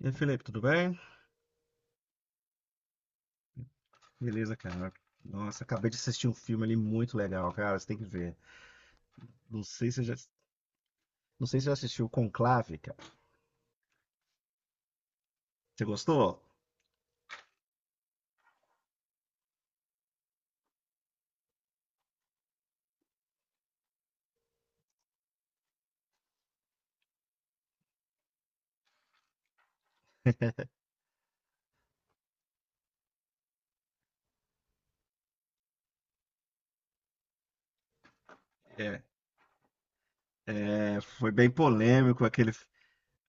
E aí, Felipe, tudo bem? Beleza, cara. Nossa, acabei de assistir um filme ali muito legal, cara. Você tem que ver. Não sei se você já, não sei se você já assistiu Conclave, cara. Você gostou? É, é, foi bem polêmico aquele, fi-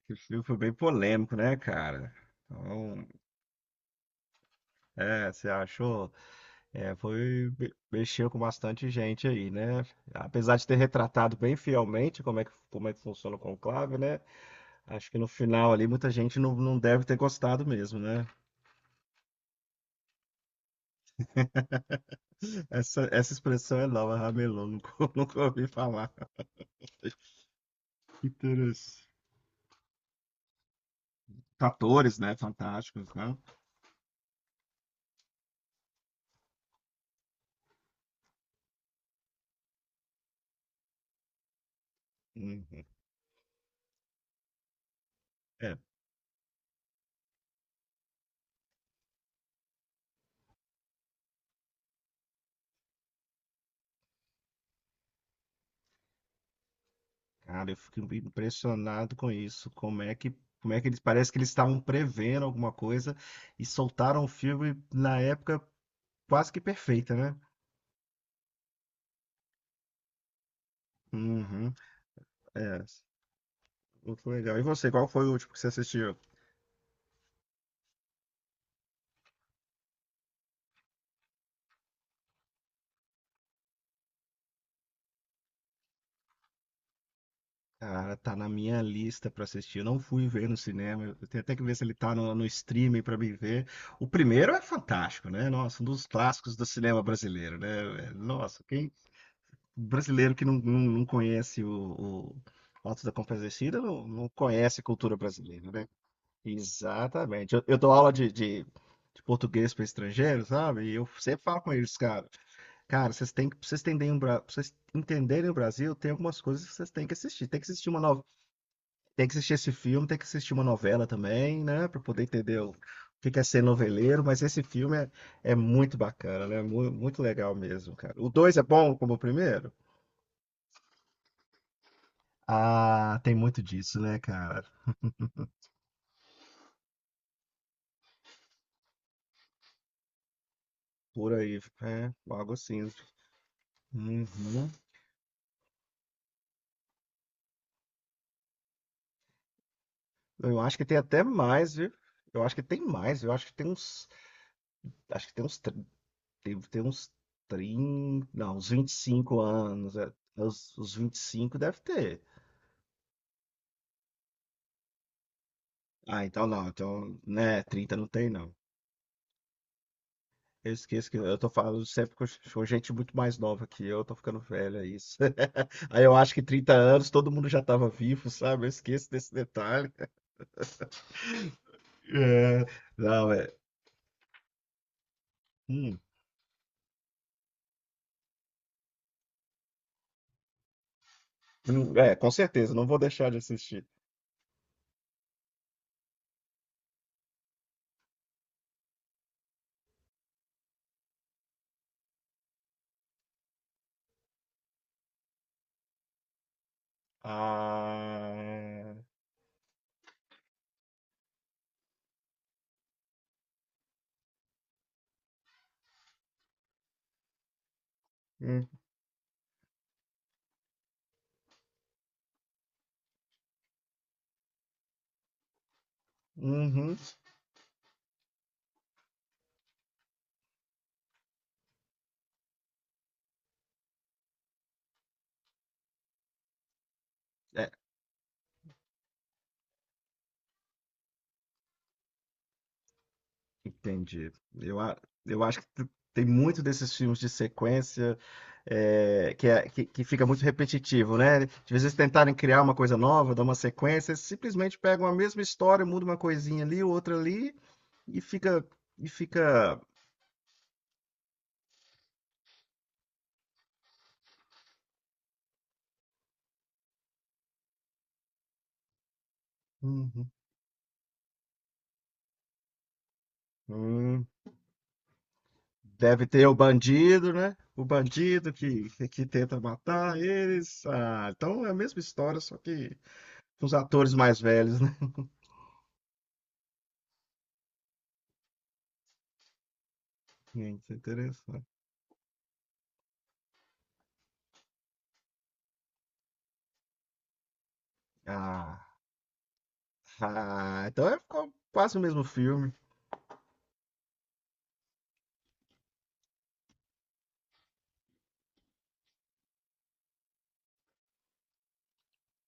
aquele filme, foi bem polêmico, né, cara? Então, é, você achou? É, foi mexeu com bastante gente aí, né? Apesar de ter retratado bem fielmente como é que funciona o conclave, né? Acho que no final ali muita gente não deve ter gostado mesmo, né? Essa expressão é nova, ramelô, nunca, nunca ouvi falar. Inteiros. Atores, né? Fantásticos, né? Uhum. É, cara, eu fico impressionado com isso. Como é que eles parece que eles estavam prevendo alguma coisa e soltaram um filme na época quase que perfeita, né? Uhum. É, muito legal. E você, qual foi o último que você assistiu? Cara, tá na minha lista pra assistir. Eu não fui ver no cinema. Eu tenho até que ver se ele tá no streaming pra me ver. O primeiro é fantástico, né? Nossa, um dos clássicos do cinema brasileiro, né? Nossa, quem brasileiro que não conhece o Autos da Compadecida não conhece a cultura brasileira, né? Exatamente. Eu dou aula de português pra estrangeiros, sabe? E eu sempre falo com eles, cara. Cara, vocês têm que, pra vocês entenderem o Brasil, tem algumas coisas que vocês têm que assistir. Tem que assistir esse filme, tem que assistir uma novela também, né? Pra poder entender o que que é ser noveleiro, mas esse filme é muito bacana, né? Muito legal mesmo, cara. O dois é bom como o primeiro? Ah, tem muito disso, né, cara? Por aí, é, algo cinza. Uhum. Eu acho que tem até mais, viu? Eu acho que tem mais, eu acho que tem uns. Acho que tem uns. Tem uns 30. Não, uns 25 anos. É, os 25 deve ter. Ah, então não. Então, né, 30 não tem, não. Eu esqueço que eu tô falando sempre com gente muito mais nova que eu tô ficando velho, é isso. Aí eu acho que 30 anos todo mundo já tava vivo, sabe? Eu esqueço desse detalhe. É, não, é. hum, é, com certeza, não vou deixar de assistir. Ah. Hum. Uhum. É, entendi. Eu acho que tem muito desses filmes de sequência que fica muito repetitivo, né? De vezes tentarem criar uma coisa nova, dar uma sequência, eles simplesmente pegam a mesma história, mudam uma coisinha ali, outra ali, e fica, e fica. Uhum. Hum, Deve ter o bandido, né? O bandido que tenta matar eles. Ah, então é a mesma história, só que com os atores mais velhos, né? Gente, isso é interessante. Ah. Ah, então é quase o mesmo filme.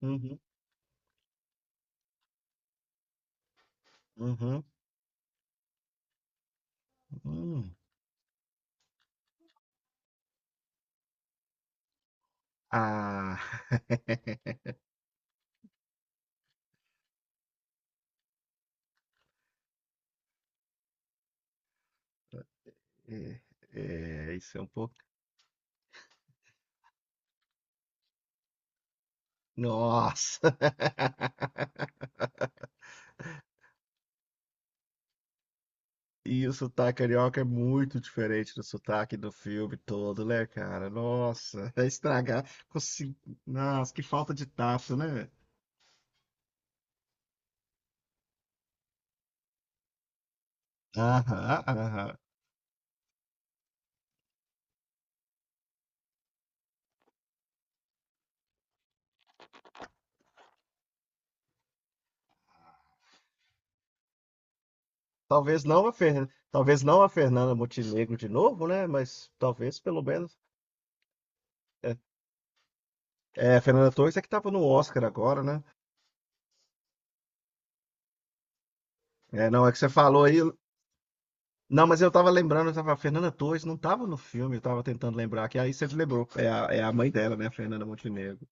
Uhum, uhum, hum. Ah, é, é, isso é um pouco. Nossa! E o sotaque carioca é muito diferente do sotaque do filme todo, né, cara? Nossa, é estragar. Consigo... Nossa, que falta de tato, né? Aham, aham. Talvez não a Fernanda Montenegro de novo, né? Mas talvez pelo menos. É, é, a Fernanda Torres é que tava no Oscar agora, né? É, não, é que você falou aí. Não, mas eu tava lembrando, eu tava, a Fernanda Torres não tava no filme, eu tava tentando lembrar, que aí você lembrou. É a mãe dela, né, a Fernanda Montenegro.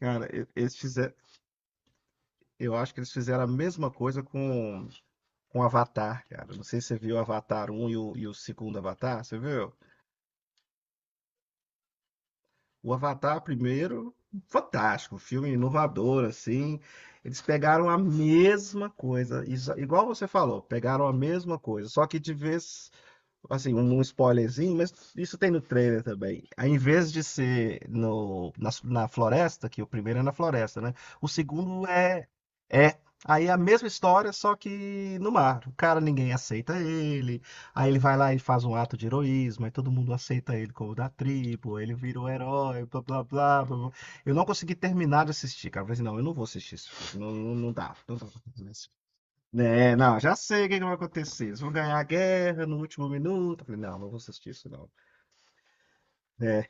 Cara, eles fizeram. Eu acho que eles fizeram a mesma coisa com Avatar, cara. Não sei se você viu o Avatar um e o segundo Avatar, você viu? O Avatar primeiro, fantástico, filme inovador, assim. Eles pegaram a mesma coisa, igual você falou, pegaram a mesma coisa, só que de vez assim, um spoilerzinho, mas isso tem no trailer também. Aí, em vez de ser no, na, na floresta, que o primeiro é na floresta, né? O segundo é. É. Aí é a mesma história, só que no mar. O cara, ninguém aceita ele. Aí ele vai lá e faz um ato de heroísmo. Aí todo mundo aceita ele como da tribo. Ele vira o herói, blá, blá, blá, blá, blá. Eu não consegui terminar de assistir, cara. Eu falei assim, não, eu não vou assistir isso. Não, não, não dá. Não dá. É, não, já sei o que que vai acontecer. Eles vão ganhar a guerra no último minuto. Eu falei, não, não vou assistir isso, não. É.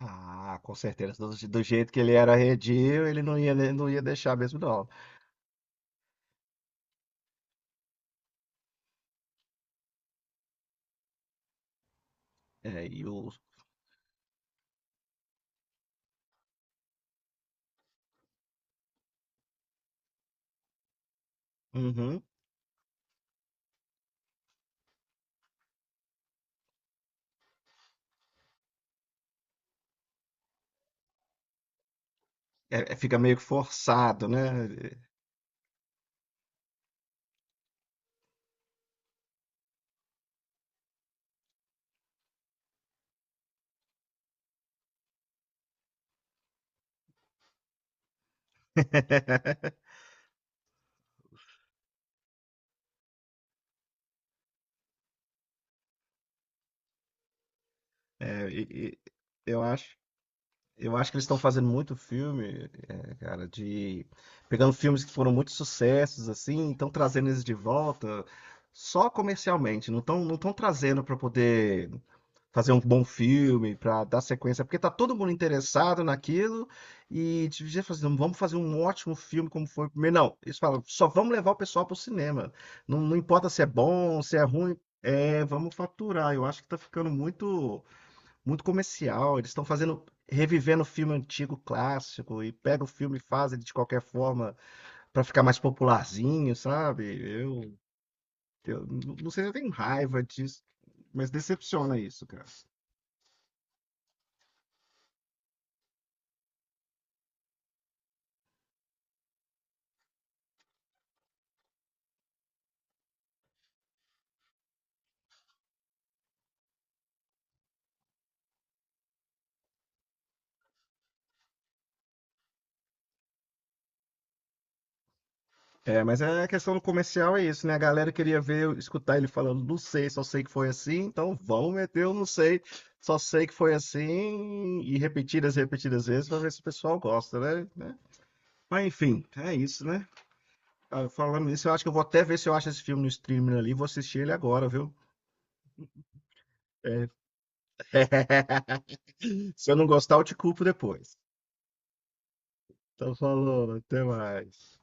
Ah, com certeza. Do jeito que ele era arredio, ele não ia, né, não ia deixar mesmo, não. É, e o. Uhum. É, fica meio que forçado, né? É, e eu acho, eu acho que eles estão fazendo muito filme, é, cara, de pegando filmes que foram muito sucessos assim, estão trazendo eles de volta só comercialmente, não estão trazendo para poder fazer um bom filme, para dar sequência, porque tá todo mundo interessado naquilo e devia fazer, vamos fazer um ótimo filme como foi o primeiro. Não, eles falam, só vamos levar o pessoal pro cinema. Não, não importa se é bom, se é ruim, é, vamos faturar. Eu acho que tá ficando muito muito comercial. Eles estão fazendo revivendo o filme antigo clássico e pega o filme e faz ele de qualquer forma para ficar mais popularzinho, sabe? Eu, eu não sei se eu tenho raiva disso, mas decepciona isso, cara. É, mas é a questão do comercial é isso, né? A galera queria ver, escutar ele falando, não sei, só sei que foi assim, então vamos meter o não sei, só sei que foi assim, e repetidas, repetidas vezes, pra ver se o pessoal gosta, né? Né? Mas enfim, é isso, né? Ah, falando nisso, eu acho que eu vou até ver se eu acho esse filme no streaming ali, vou assistir ele agora, viu? É. Se eu não gostar, eu te culpo depois. Então falou, até mais.